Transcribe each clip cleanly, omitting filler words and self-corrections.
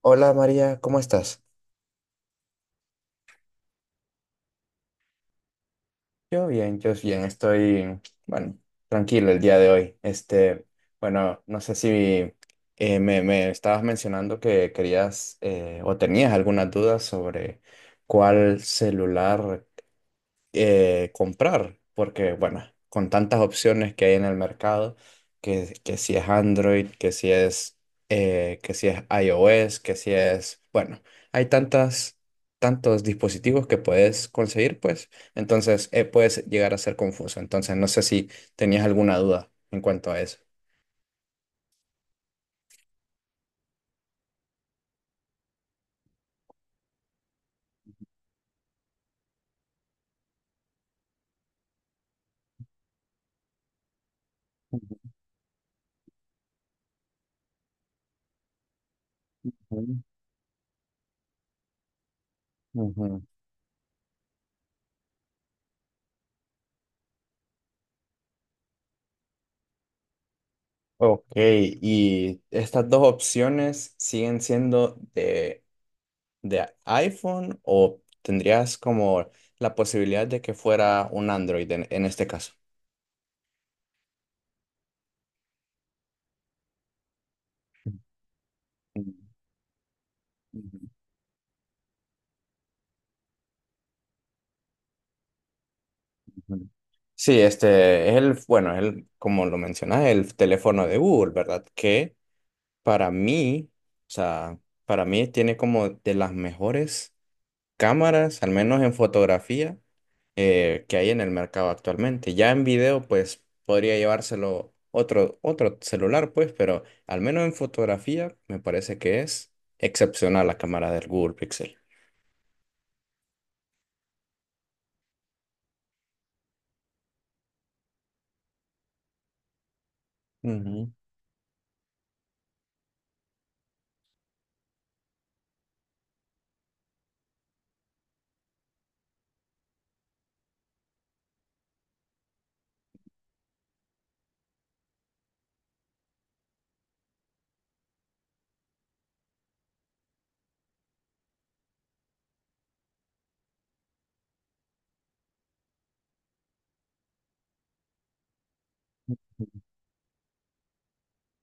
Hola María, ¿cómo estás? Yo bien, estoy, bueno, tranquilo el día de hoy. Este, bueno, no sé si me estabas mencionando que querías o tenías algunas dudas sobre cuál celular comprar, porque bueno, con tantas opciones que hay en el mercado, que si es Android, que si es iOS, que si es, bueno, hay tantas, tantos dispositivos que puedes conseguir, pues, entonces puedes llegar a ser confuso. Entonces, no sé si tenías alguna duda en cuanto a eso. Ujú, ujú. Ok, y estas dos opciones siguen siendo de iPhone o tendrías como la posibilidad de que fuera un Android en este caso? Ujú, ujú. Sí, este es el, bueno, es el, como lo mencionas, el teléfono de Google, ¿verdad? Que para mí, o sea, para mí tiene como de las mejores cámaras, al menos en fotografía, que hay en el mercado actualmente. Ya en video, pues podría llevárselo otro celular, pues, pero al menos en fotografía me parece que es excepcional la cámara del Google Pixel. Ujú.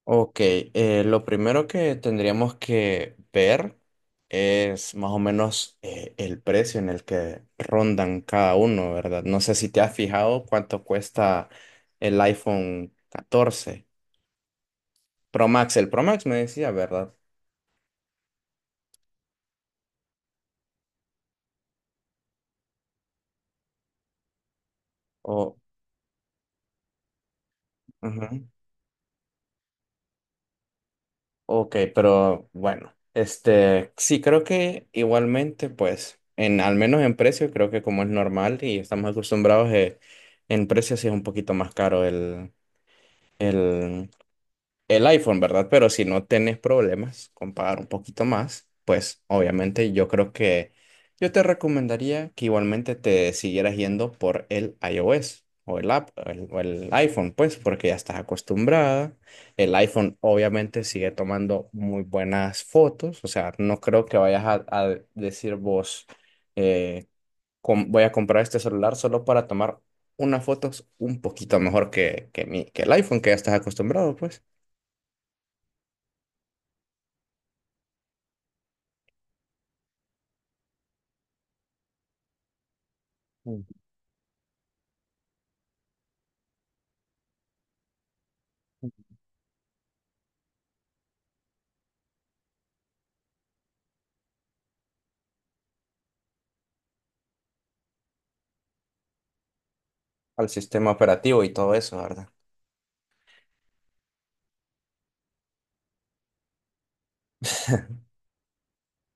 Ok, lo primero que tendríamos que ver es más o menos el precio en el que rondan cada uno, ¿verdad? No sé si te has fijado cuánto cuesta el iPhone 14 Pro Max. El Pro Max me decía, ¿verdad? O, ujú. Ok, pero bueno, este, sí, creo que igualmente, pues, en, al menos en precio, creo que como es normal y estamos acostumbrados, en precio sí es un poquito más caro el, el iPhone, ¿verdad? Pero si no tenés problemas con pagar un poquito más, pues obviamente yo creo que yo te recomendaría que igualmente te siguieras yendo por el iOS o el app o el iPhone, pues porque ya estás acostumbrada. El iPhone obviamente sigue tomando muy buenas fotos, o sea, no creo que vayas a decir vos, eh, voy a comprar este celular solo para tomar unas fotos un poquito mejor que el iPhone que ya estás acostumbrado, pues. Al sistema operativo y todo eso, ¿verdad?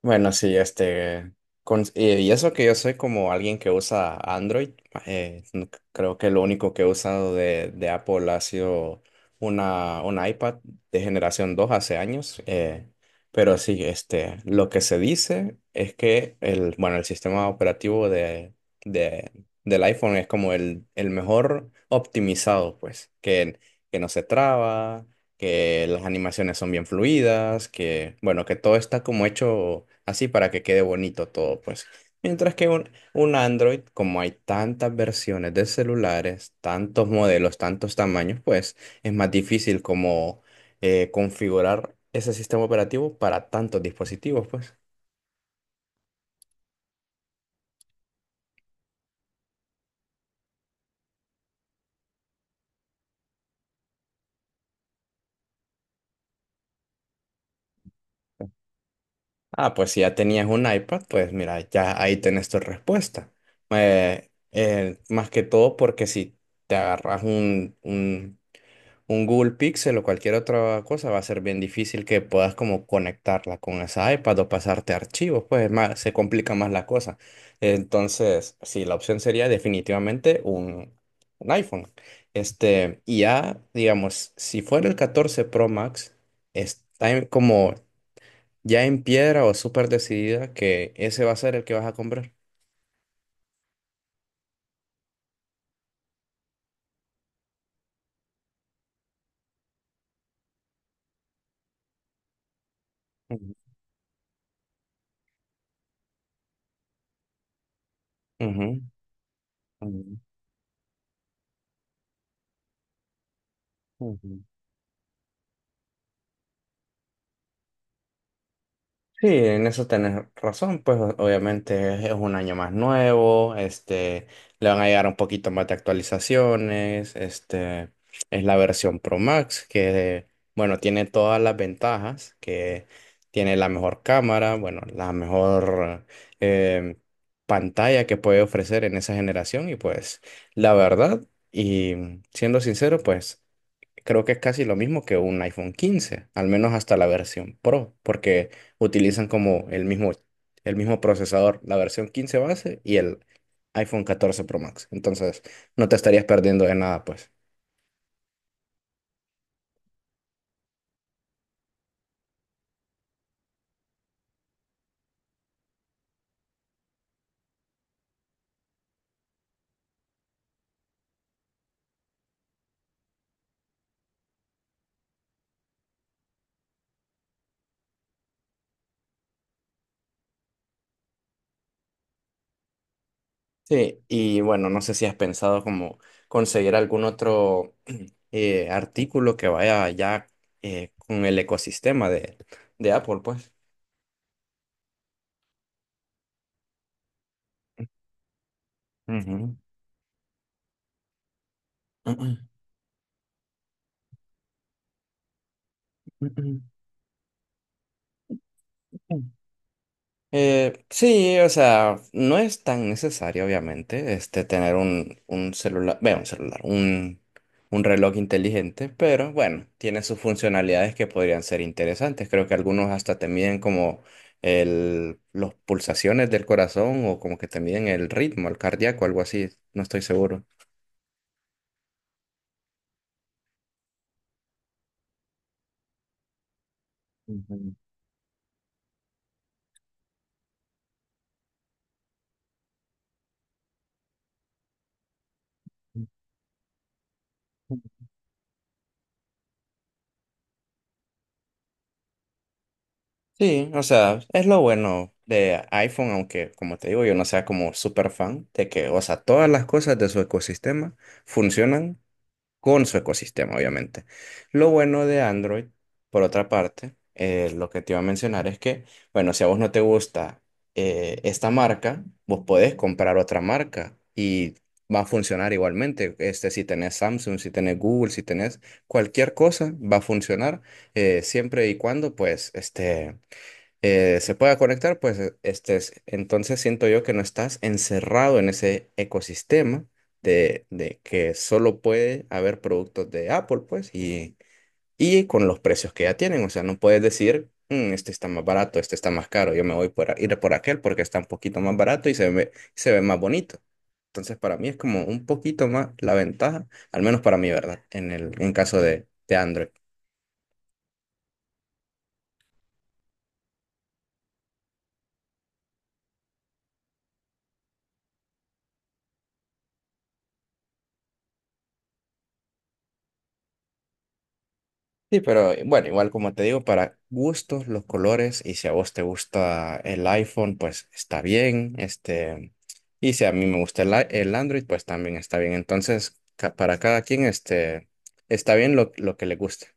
Bueno, sí, este, y eso que yo soy como alguien que usa Android, creo que lo único que he usado de Apple ha sido una, un iPad de generación 2 hace años, pero sí, este, lo que se dice es que el, bueno, el sistema operativo de, de- del iPhone es como el mejor optimizado, pues, que no se traba, que las animaciones son bien fluidas, que, bueno, que todo está como hecho así para que quede bonito todo, pues. Mientras que un Android, como hay tantas versiones de celulares, tantos modelos, tantos tamaños, pues es más difícil como configurar ese sistema operativo para tantos dispositivos, pues. Ah, pues si ya tenías un iPad, pues mira, ya ahí tenés tu respuesta. Más que todo porque si te agarras un Google Pixel o cualquier otra cosa va a ser bien difícil que puedas como conectarla con esa iPad o pasarte archivos, pues es más, se complica más la cosa. Entonces, sí, la opción sería definitivamente un iPhone. Este, y ya, digamos, si fuera el 14 Pro Max, está como ya en piedra o súper decidida que ese va a ser el que vas a comprar. Ujú, ujú, ujú, ujú. Sí, en eso tenés razón, pues obviamente es un año más nuevo, este, le van a llegar un poquito más de actualizaciones, este, es la versión Pro Max que, bueno, tiene todas las ventajas, que tiene la mejor cámara, bueno, la mejor eh, pantalla que puede ofrecer en esa generación y pues la verdad, y siendo sincero, pues creo que es casi lo mismo que un iPhone 15, al menos hasta la versión Pro, porque utilizan como el mismo procesador, la versión 15 base y el iPhone 14 Pro Max. Entonces, no te estarías perdiendo de nada, pues. Sí, y bueno, no sé si has pensado como conseguir algún otro artículo que vaya ya con el ecosistema de Apple, pues. Ujú. Sí, o sea, no es tan necesario, obviamente, este, tener un celular, bueno, un celular, un reloj inteligente, pero bueno, tiene sus funcionalidades que podrían ser interesantes. Creo que algunos hasta te miden como el, las pulsaciones del corazón o como que te miden el ritmo, el cardíaco, algo así, no estoy seguro. Ujú. Sí, o sea, es lo bueno de iPhone, aunque como te digo, yo no sea como súper fan de que, o sea, todas las cosas de su ecosistema funcionan con su ecosistema, obviamente. Lo bueno de Android, por otra parte, lo que te iba a mencionar es que, bueno, si a vos no te gusta esta marca, vos podés comprar otra marca y va a funcionar igualmente. Este, si tenés Samsung, si tenés Google, si tenés cualquier cosa, va a funcionar siempre y cuando, pues, este se pueda conectar, pues estés. Entonces siento yo que no estás encerrado en ese ecosistema de que solo puede haber productos de Apple, pues, y con los precios que ya tienen. O sea, no puedes decir, "Mm, este está más barato, este está más caro, yo me voy por, ir por aquel porque está un poquito más barato y se ve más bonito. Entonces, para mí es como un poquito más la ventaja, al menos para mí, ¿verdad? En el, en caso de Android. Sí, pero bueno, igual como te digo, para gustos, los colores, y si a vos te gusta el iPhone, pues está bien, este, y si a mí me gusta el, el Android, pues también está bien. Entonces, para cada quien, este, está bien lo que le guste.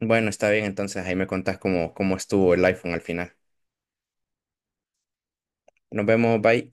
Bueno, está bien, entonces ahí me contás cómo, cómo estuvo el iPhone al final. Nos vemos, bye.